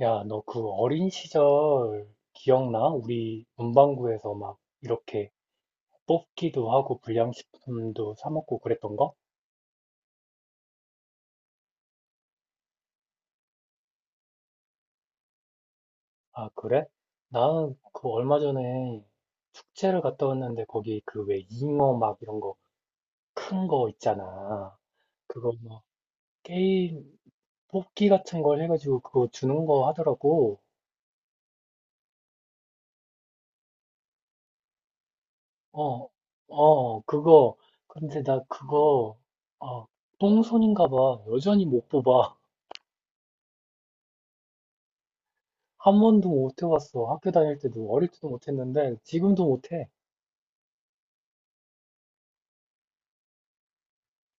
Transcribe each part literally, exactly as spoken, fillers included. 야, 너 그 어린 시절 기억나? 우리 문방구에서 막 이렇게 뽑기도 하고 불량식품도 사 먹고 그랬던 거? 아, 그래? 나 그 얼마 전에 축제를 갔다 왔는데 거기 그 왜 잉어 막 이런 거 큰 거 있잖아. 그거 막 게임 뽑기 같은 걸 해가지고 그거 주는 거 하더라고. 어, 어, 그거. 근데 나 그거, 아, 똥손인가 봐. 여전히 못 뽑아. 한 번도 못 해봤어. 학교 다닐 때도 어릴 때도 못했는데 지금도 못해.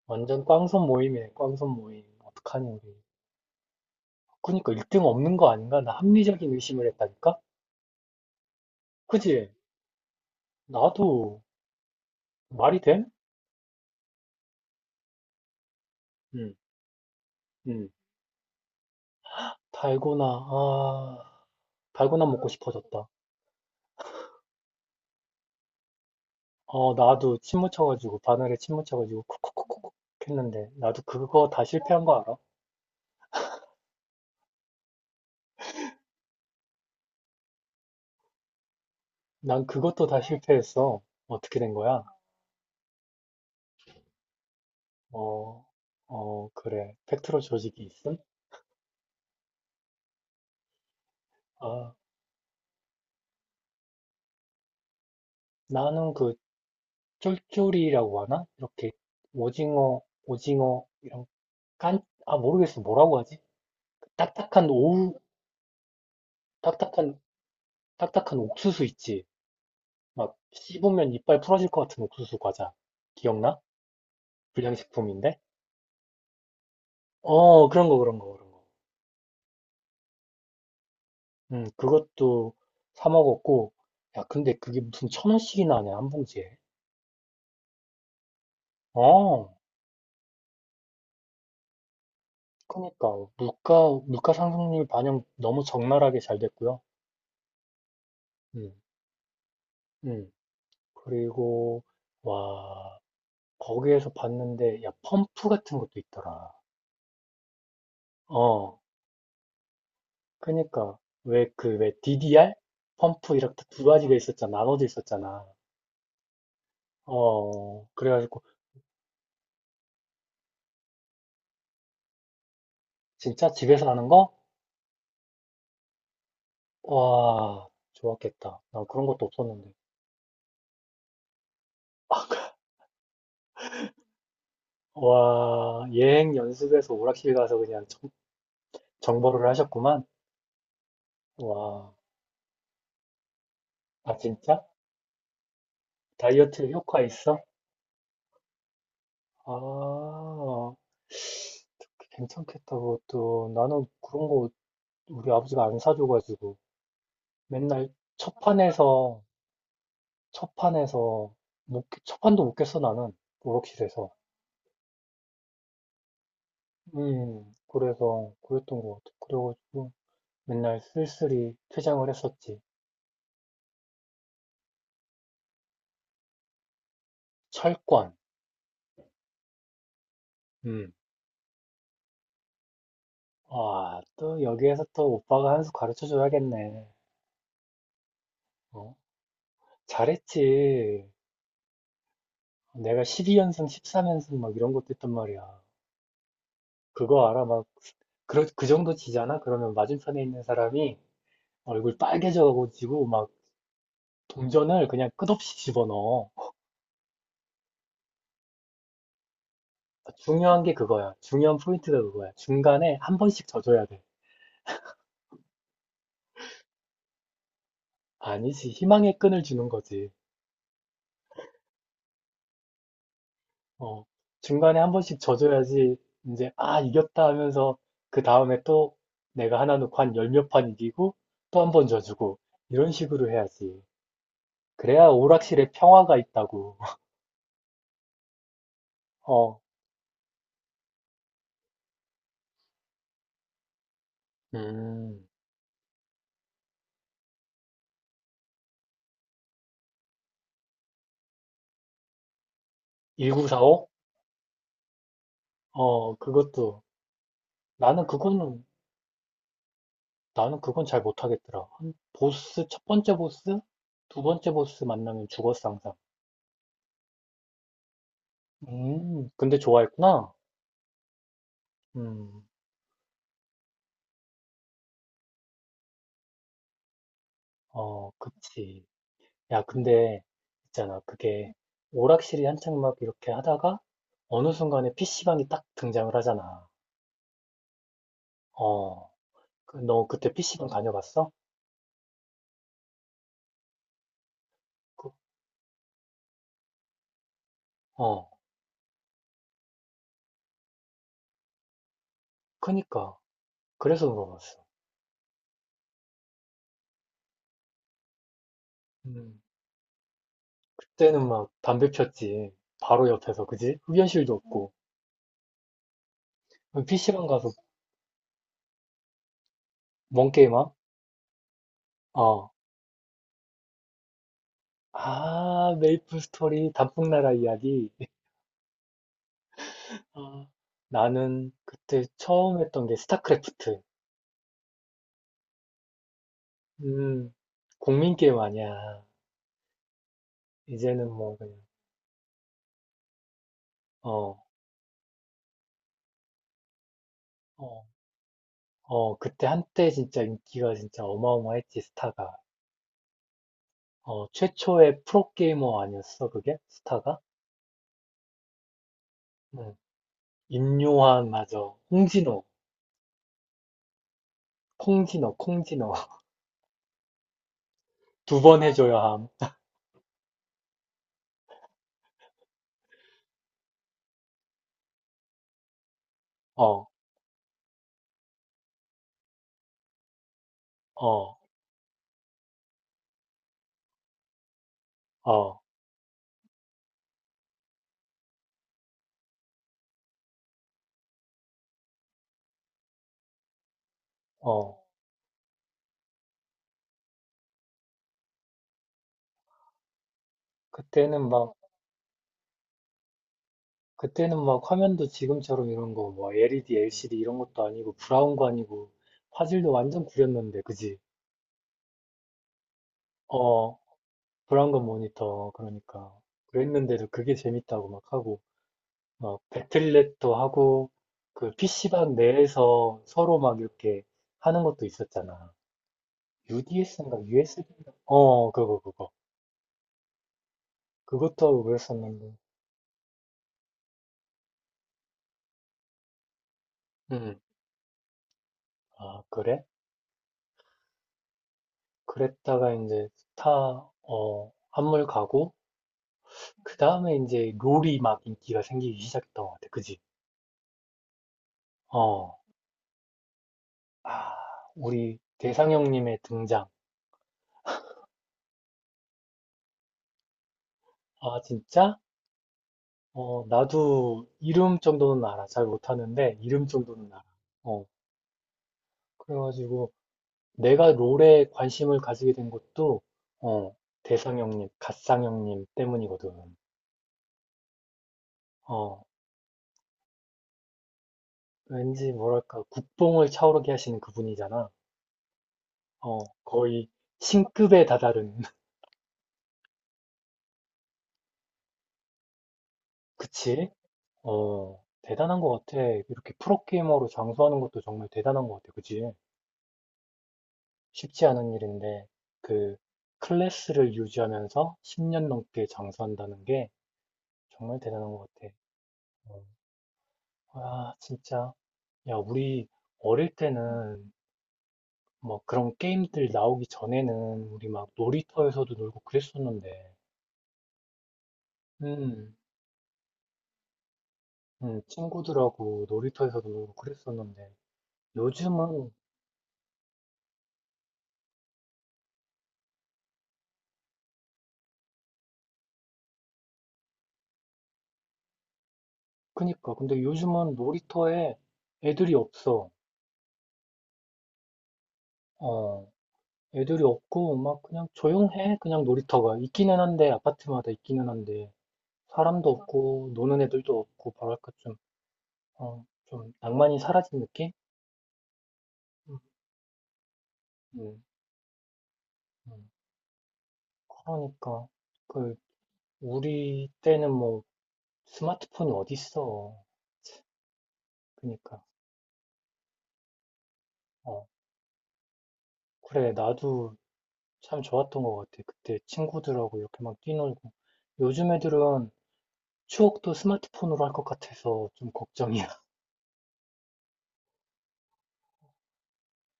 완전 꽝손 모임이네, 꽝손 모임. 어떡하니 우리. 그러니까 일 등 없는 거 아닌가? 나 합리적인 의심을 했다니까? 그지? 나도 말이 돼? 응, 응. 달고나, 아, 달고나 먹고 싶어졌다. 어, 나도 침 묻혀가지고 바늘에 침 묻혀가지고 쿡쿡쿡쿡 했는데 나도 그거 다 실패한 거 알아? 난 그것도 다 실패했어. 어떻게 된 거야? 어, 어, 그래. 팩트로 조직이 있음? 아. 나는 그 쫄쫄이라고 하나? 이렇게 오징어, 오징어 이런 깐, 아 모르겠어 뭐라고 하지? 그 딱딱한 오우, 딱딱한 딱딱한 옥수수 있지? 막 씹으면 이빨 풀어질 것 같은 옥수수 과자 기억나? 불량식품인데? 어 그런 거 그런 거 그런 거. 음 그것도 사 먹었고 야 근데 그게 무슨 천 원씩이나 하냐 한 봉지에? 어 그러니까 물가 물가 상승률 반영 너무 적나라하게 잘 됐고요. 음, 음. 그리고 와 거기에서 봤는데 야 펌프 같은 것도 있더라. 어, 그니까 왜 그 왜 디디알 펌프 이렇게 두 가지가 있었잖아, 나눠져 있었잖아. 어, 그래가지고 진짜 집에서 하는 거? 와, 좋았겠다. 난 그런 것도 없었는데. 와, 예행 연습해서 오락실 가서 그냥 정, 정보를 하셨구만. 와, 아 진짜? 다이어트 효과 있어? 아, 괜찮겠다, 그것도. 나는 그런 거 우리 아버지가 안 사줘가지고 맨날 첫 판에서 첫 판에서 못, 깨- 첫 판도 못 깼어 나는 오락실에서. 음 그래서 그랬던 것 같아 그래가지고 맨날 쓸쓸히 퇴장을 했었지. 철권. 음 아 또 여기에서 또 오빠가 한수 가르쳐 줘야겠네. 어, 잘했지. 내가 십이 연승 십삼 연승 막 이런 것도 했단 말이야. 그거 알아 막 그, 그 정도 지잖아. 그러면 맞은편에 있는 사람이 얼굴 빨개져가지고 막 동전을 그냥 끝없이 집어넣어. 중요한 게 그거야. 중요한 포인트가 그거야. 중간에 한 번씩 져줘야 돼. 아니지. 희망의 끈을 주는 거지. 어. 중간에 한 번씩 져줘야지 이제 아, 이겼다 하면서 그 다음에 또 내가 하나 놓고 한 열 몇 판 이기고 또 한 번 져주고 이런 식으로 해야지. 그래야 오락실에 평화가 있다고. 어. 음. 일구 사오. 어, 그것도. 나는 그거는 나는 그건 잘 못하겠더라. 한 보스, 첫 번째 보스? 두 번째 보스 만나면 죽었어, 항상. 음, 근데 좋아했구나? 음, 어, 그치. 야, 근데, 있잖아. 그게, 오락실이 한창 막 이렇게 하다가, 어느 순간에 피시방이 딱 등장을 하잖아. 어, 그, 너 그때 피시방 다녀봤어? 그, 어, 그니까. 그래서 물어봤어. 음, 그때는 막 담배 폈지. 바로 옆에서, 그지? 흡연실도 없고. 피시방 가서 뭔 게임함? 어. 아, 메이플 스토리 단풍나라 이야기. 아, 나는 그때 처음 했던 게 스타크래프트. 음, 국민 게임 아니야. 이제는 뭐 그냥 어, 어, 어, 그때 한때 진짜 인기가 진짜 어마어마했지 스타가. 어, 최초의 프로게이머 아니었어 그게? 스타가? 응. 임요환 맞아. 홍진호, 콩진호, 콩진호. 두 번 해줘야 함. 어, 어, 어, 어. 그때는 막 그때는 막 화면도 지금처럼 이런 거, 뭐 엘이디, 엘시디 이런 것도 아니고 브라운관 아니고 화질도 완전 구렸는데, 그지? 어, 브라운관 모니터. 그러니까 그랬는데도 그게 재밌다고 막 하고 막 배틀넷도 하고 그 피시방 내에서 서로 막 이렇게 하는 것도 있었잖아. 유디에스인가 유에스비인가? 어, 그거 그거 그것도 하고 그랬었는데. 음. 아, 그래? 그랬다가 이제 스타 어 한물 가고. 그 다음에 이제 롤이 막 인기가 생기기 시작했던 것 같아. 그지? 어. 아, 우리 대상 형님의 등장. 아, 진짜? 어, 나도 이름 정도는 알아. 잘 못하는데, 이름 정도는 알아. 어, 그래가지고 내가 롤에 관심을 가지게 된 것도, 어, 대상 형님, 갓상 형님 때문이거든. 어, 왠지 뭐랄까, 국뽕을 차오르게 하시는 그분이잖아. 어, 거의 신급에 다다른. 그치? 어, 대단한 것 같아. 이렇게 프로게이머로 장수하는 것도 정말 대단한 것 같아. 그치? 쉽지 않은 일인데, 그, 클래스를 유지하면서 십 년 넘게 장수한다는 게 정말 대단한 것 같아. 어, 아, 진짜. 야, 우리 어릴 때는 뭐 그런 게임들 나오기 전에는 우리 막 놀이터에서도 놀고 그랬었는데, 음, 음, 친구들하고 놀이터에서도 놀고 그랬었는데, 요즘은, 그니까, 근데 요즘은 놀이터에 애들이 없어. 어, 애들이 없고, 막, 그냥 조용해. 그냥 놀이터가. 있기는 한데, 아파트마다 있기는 한데, 사람도 없고, 노는 애들도 없고, 뭐랄까, 좀, 어, 좀, 낭만이 사라진 느낌? 음, 음, 음. 그러니까, 그, 우리 때는 뭐, 스마트폰이 어딨어. 그니까, 어, 그래, 나도 참 좋았던 것 같아. 그때 친구들하고 이렇게 막 뛰놀고. 요즘 애들은 추억도 스마트폰으로 할 것 같아서 좀 걱정이야.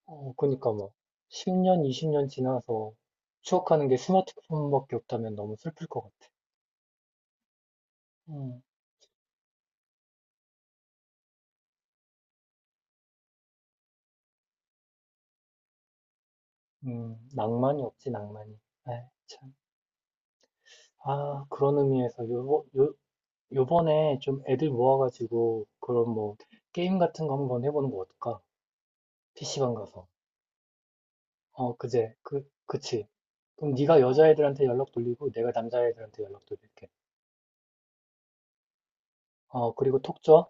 어, 그러니까 뭐 십 년, 이십 년 지나서 추억하는 게 스마트폰밖에 없다면 너무 슬플 것 같아. 음. 음, 낭만이 없지, 낭만이. 에이, 참. 아, 그런 의미에서 요, 요, 요번에 좀 애들 모아가지고 그런 뭐 게임 같은 거 한번 해보는 거 어떨까? 피시방 가서. 어, 그제, 그, 그치. 그럼 네가 여자애들한테 연락 돌리고 내가 남자애들한테 연락 돌릴게. 어, 그리고 톡 줘.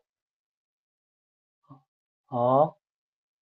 어?